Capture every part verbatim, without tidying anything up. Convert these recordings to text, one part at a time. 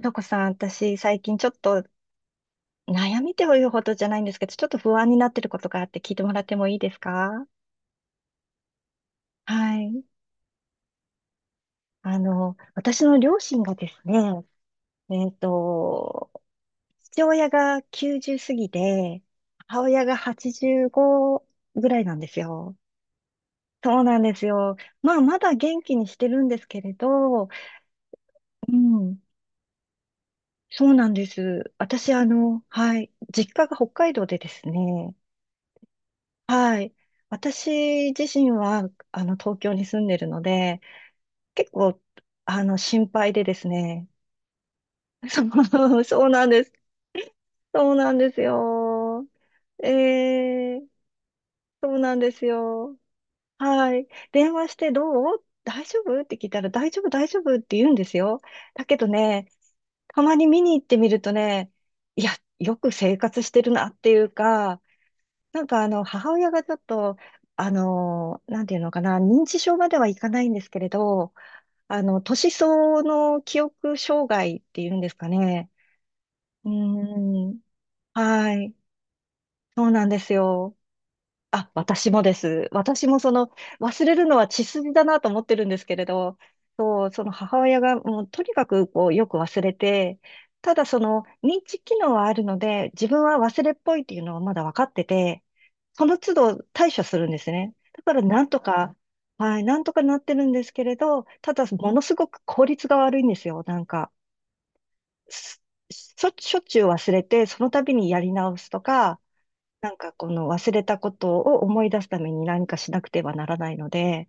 とこさん、私、最近ちょっと悩みというほどじゃないんですけど、ちょっと不安になってることがあって聞いてもらってもいいですか？はい。あの、私の両親がですね、えっと、父親がきゅうじゅう過ぎで、母親がはちじゅうごぐらいなんですよ。そうなんですよ。まあ、まだ元気にしてるんですけれど、うん、そうなんです。私、あの、はい、実家が北海道でですね、はい。私自身は、あの、東京に住んでるので、結構、あの、心配でですね。そう、そうなんです。そうなんですよ。ええ、そうなんですよ。はい。電話してどう大丈夫って聞いたら大丈夫、大丈夫って言うんですよ。だけどね、たまに見に行ってみるとね、いや、よく生活してるなっていうか、なんかあの、母親がちょっと、あの、なんていうのかな、認知症まではいかないんですけれど、あの、年相応の記憶障害っていうんですかね。うーん、はい、そうなんですよ。あ、私もです。私もその、忘れるのは血筋だなと思ってるんですけれど、そう、その母親がもうとにかくこうよく忘れて、ただその認知機能はあるので、自分は忘れっぽいっていうのはまだ分かってて、その都度対処するんですね。だからなんとか、はい、なんとかなってるんですけれど、ただものすごく効率が悪いんですよ。なんか、すしょしょっちゅう忘れて、その度にやり直すとか、なんかこの忘れたことを思い出すために何かしなくてはならないので、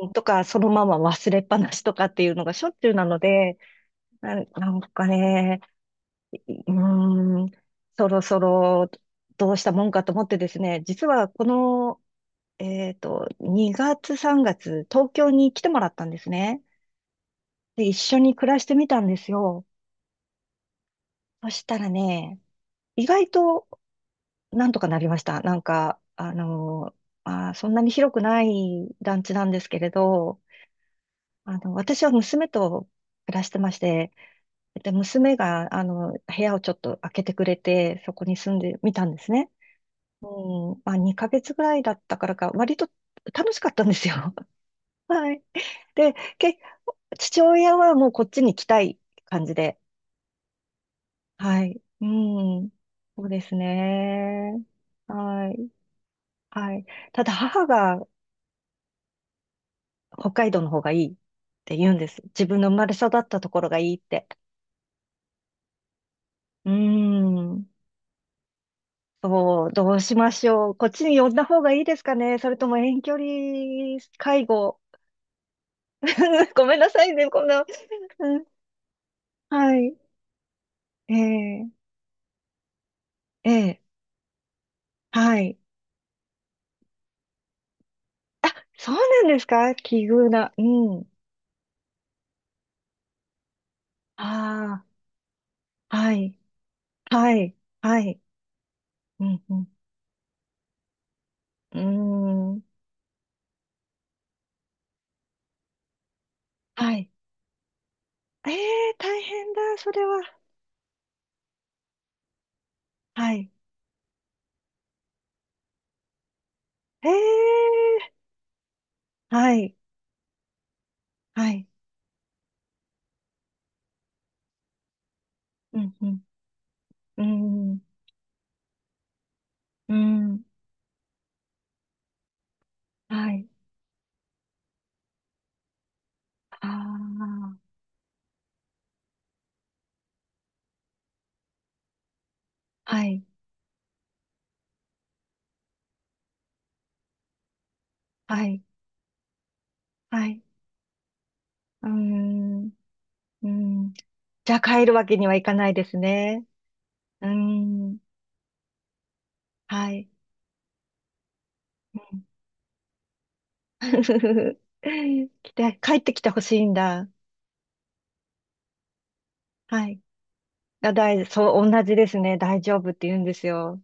うんとかそのまま忘れっぱなしとかっていうのがしょっちゅうなので、な、なんかね、うーん、そろそろどうしたもんかと思ってですね、実はこの、えっと、にがつさんがつ、東京に来てもらったんですね。で、一緒に暮らしてみたんですよ。そしたらね、意外となんとかなりました。なんか、あの、まあー、そんなに広くない団地なんですけれど、あの、私は娘と暮らしてまして、で、娘が、あの、部屋をちょっと開けてくれて、そこに住んでみたんですね。うん、まあ、にかげつぐらいだったからか、割と楽しかったんですよ。はい。で、け、父親はもうこっちに来たい感じで、はい。うん、そうですね。はい。はい。ただ母が北海道の方がいいって言うんです。自分の生まれ育ったところがいいって。うーん。そう、どうしましょう。こっちに呼んだ方がいいですかね。それとも遠距離介護。ごめんなさいね、こんな。うん、はい。ええええはい。あ、そうなんですか奇遇な。うん。ああ、はい。はい。はい。うん、うん。うーん。はい。ええ大変だ、それは。はい。ええはい。はい。うん、うん、うん、うん、はい。ああ、はい、はい、はい。うーん、うん。じゃあ帰るわけにはいかないですね。うーん、はい。うん 来て、帰ってきてほしいんだ。はい。だ、大そう、同じですね。大丈夫って言うんですよ。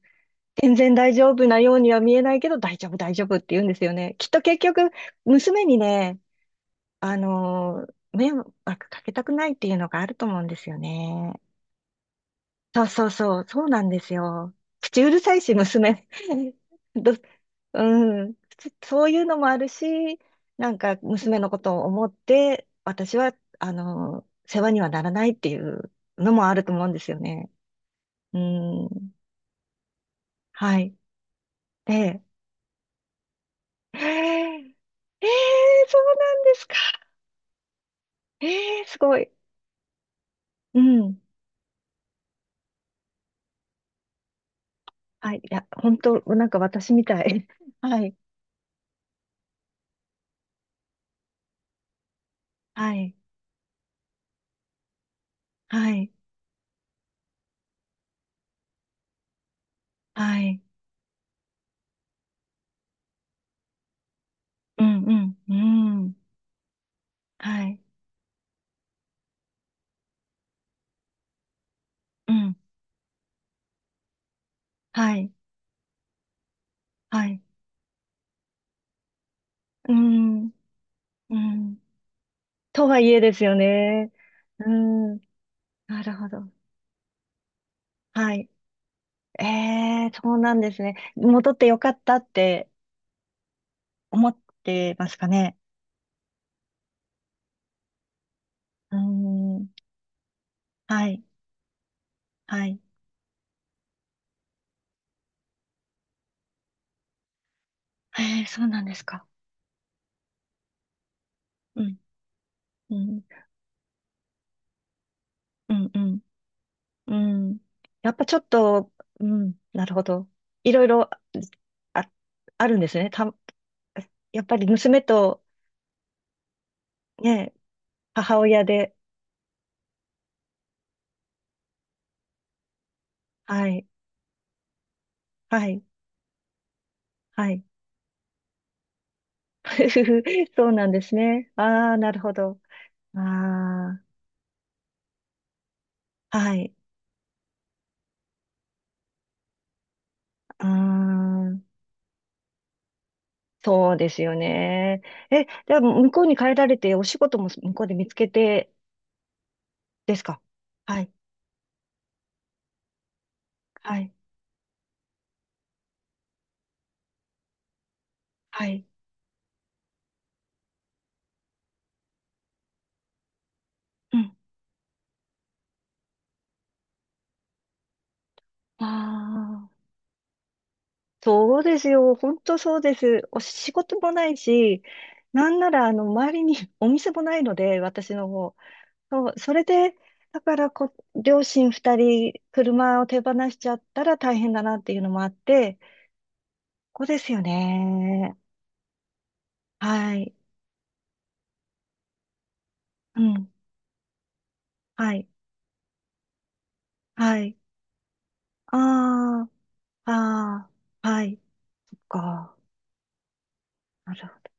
全然大丈夫なようには見えないけど、大丈夫、大丈夫って言うんですよね。きっと結局、娘にね、あのー、迷惑かけたくないっていうのがあると思うんですよね。そうそうそう、そうなんですよ。口うるさいし、娘。ど、うん、そそういうのもあるし、なんか娘のことを思って、私は、あの、世話にはならないっていうのもあると思うんですよね。うん、はい。で、えー、えー、そうなんですか。えー、すごい。うん。はい。いや、本当なんか私みたい。はい。はい、はい、はい、うん、うん、うん、はい、うん、はい、はい、うん、うん、とはいえですよね。うん、なるほど。はい。ええ、そうなんですね。戻ってよかったって思ってますかね。うん、はい、はい。ええ、そうなんですか。うん、うん、うん、うん、うん。やっぱちょっと、うん、なるほど。いろいろ、ああるんですね。た、やっぱり娘とね、母親で、はい、はい、はい。そうなんですね。ああ、なるほど。ああ、はい。ああ、そうですよね。え、じゃあ向こうに帰られて、お仕事も向こうで見つけてですか？はい、はい、はい。うん。ああ、そうですよ。本当そうです。お仕事もないし、なんなら、あの、周りに お店もないので、私の方。そう、それで、だからこ、両親ふたり、車を手放しちゃったら大変だなっていうのもあって、ここですよね。はい。うん。はい。はい。ああ、ああ、はい。か。なるほ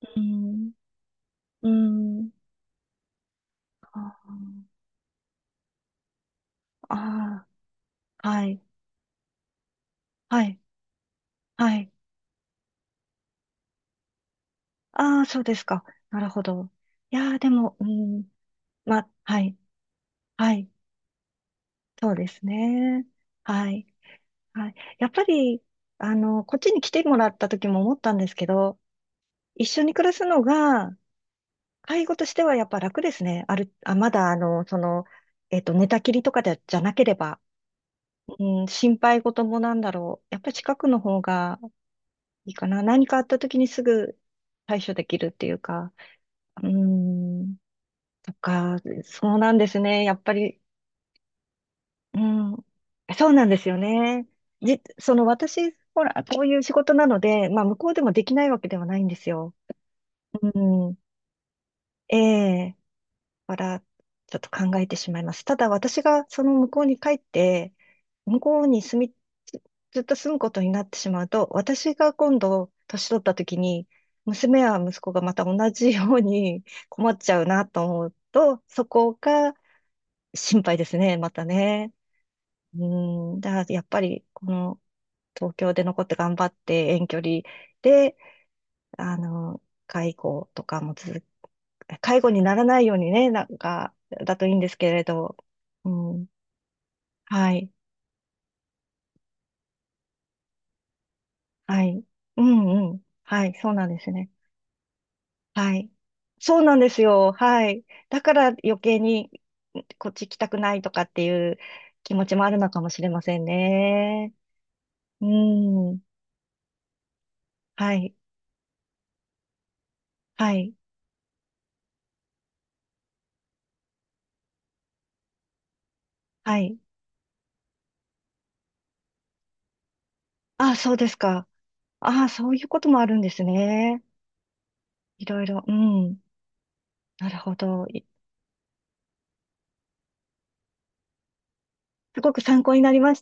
ど。うん。うん。ああ、ああはい。はい。はい。ああ、そうですか。なるほど。いやー、でも、うん。ま、はい。はい。そうですね。はい。はい。やっぱり、あの、こっちに来てもらった時も思ったんですけど、一緒に暮らすのが、介護としてはやっぱ楽ですね。ある、あ、まだ、あの、その、えっと、寝たきりとかで、じゃなければ、うん、心配事もなんだろう。やっぱり近くの方がいいかな。何かあった時にすぐ対処できるっていうか、うん、とか、そうなんですね。やっぱりうん、そうなんですよね。じ、その私、ほら、こういう仕事なので、まあ、向こうでもできないわけではないんですよ。うん、ええ、から、ちょっと考えてしまいます。ただ、私がその向こうに帰って、向こうに住み、ずずっと住むことになってしまうと、私が今度、年取った時に、娘や息子がまた同じように 困っちゃうなと思うと、そこが心配ですね、またね。うん、だからやっぱり、この、東京で残って頑張って遠距離で、あの、介護とかも続く、介護にならないようにね、なんか、だといいんですけれど、うん、はい、はい、うんうん、はい、そうなんですね。はい。そうなんですよ。はい。だから余計にこっち来たくないとかっていう気持ちもあるのかもしれませんね。うん。はい。はい。はい。あ、そうですか。あ、そういうこともあるんですね。いろいろ、うん。なるほど。いすごく参考になりました。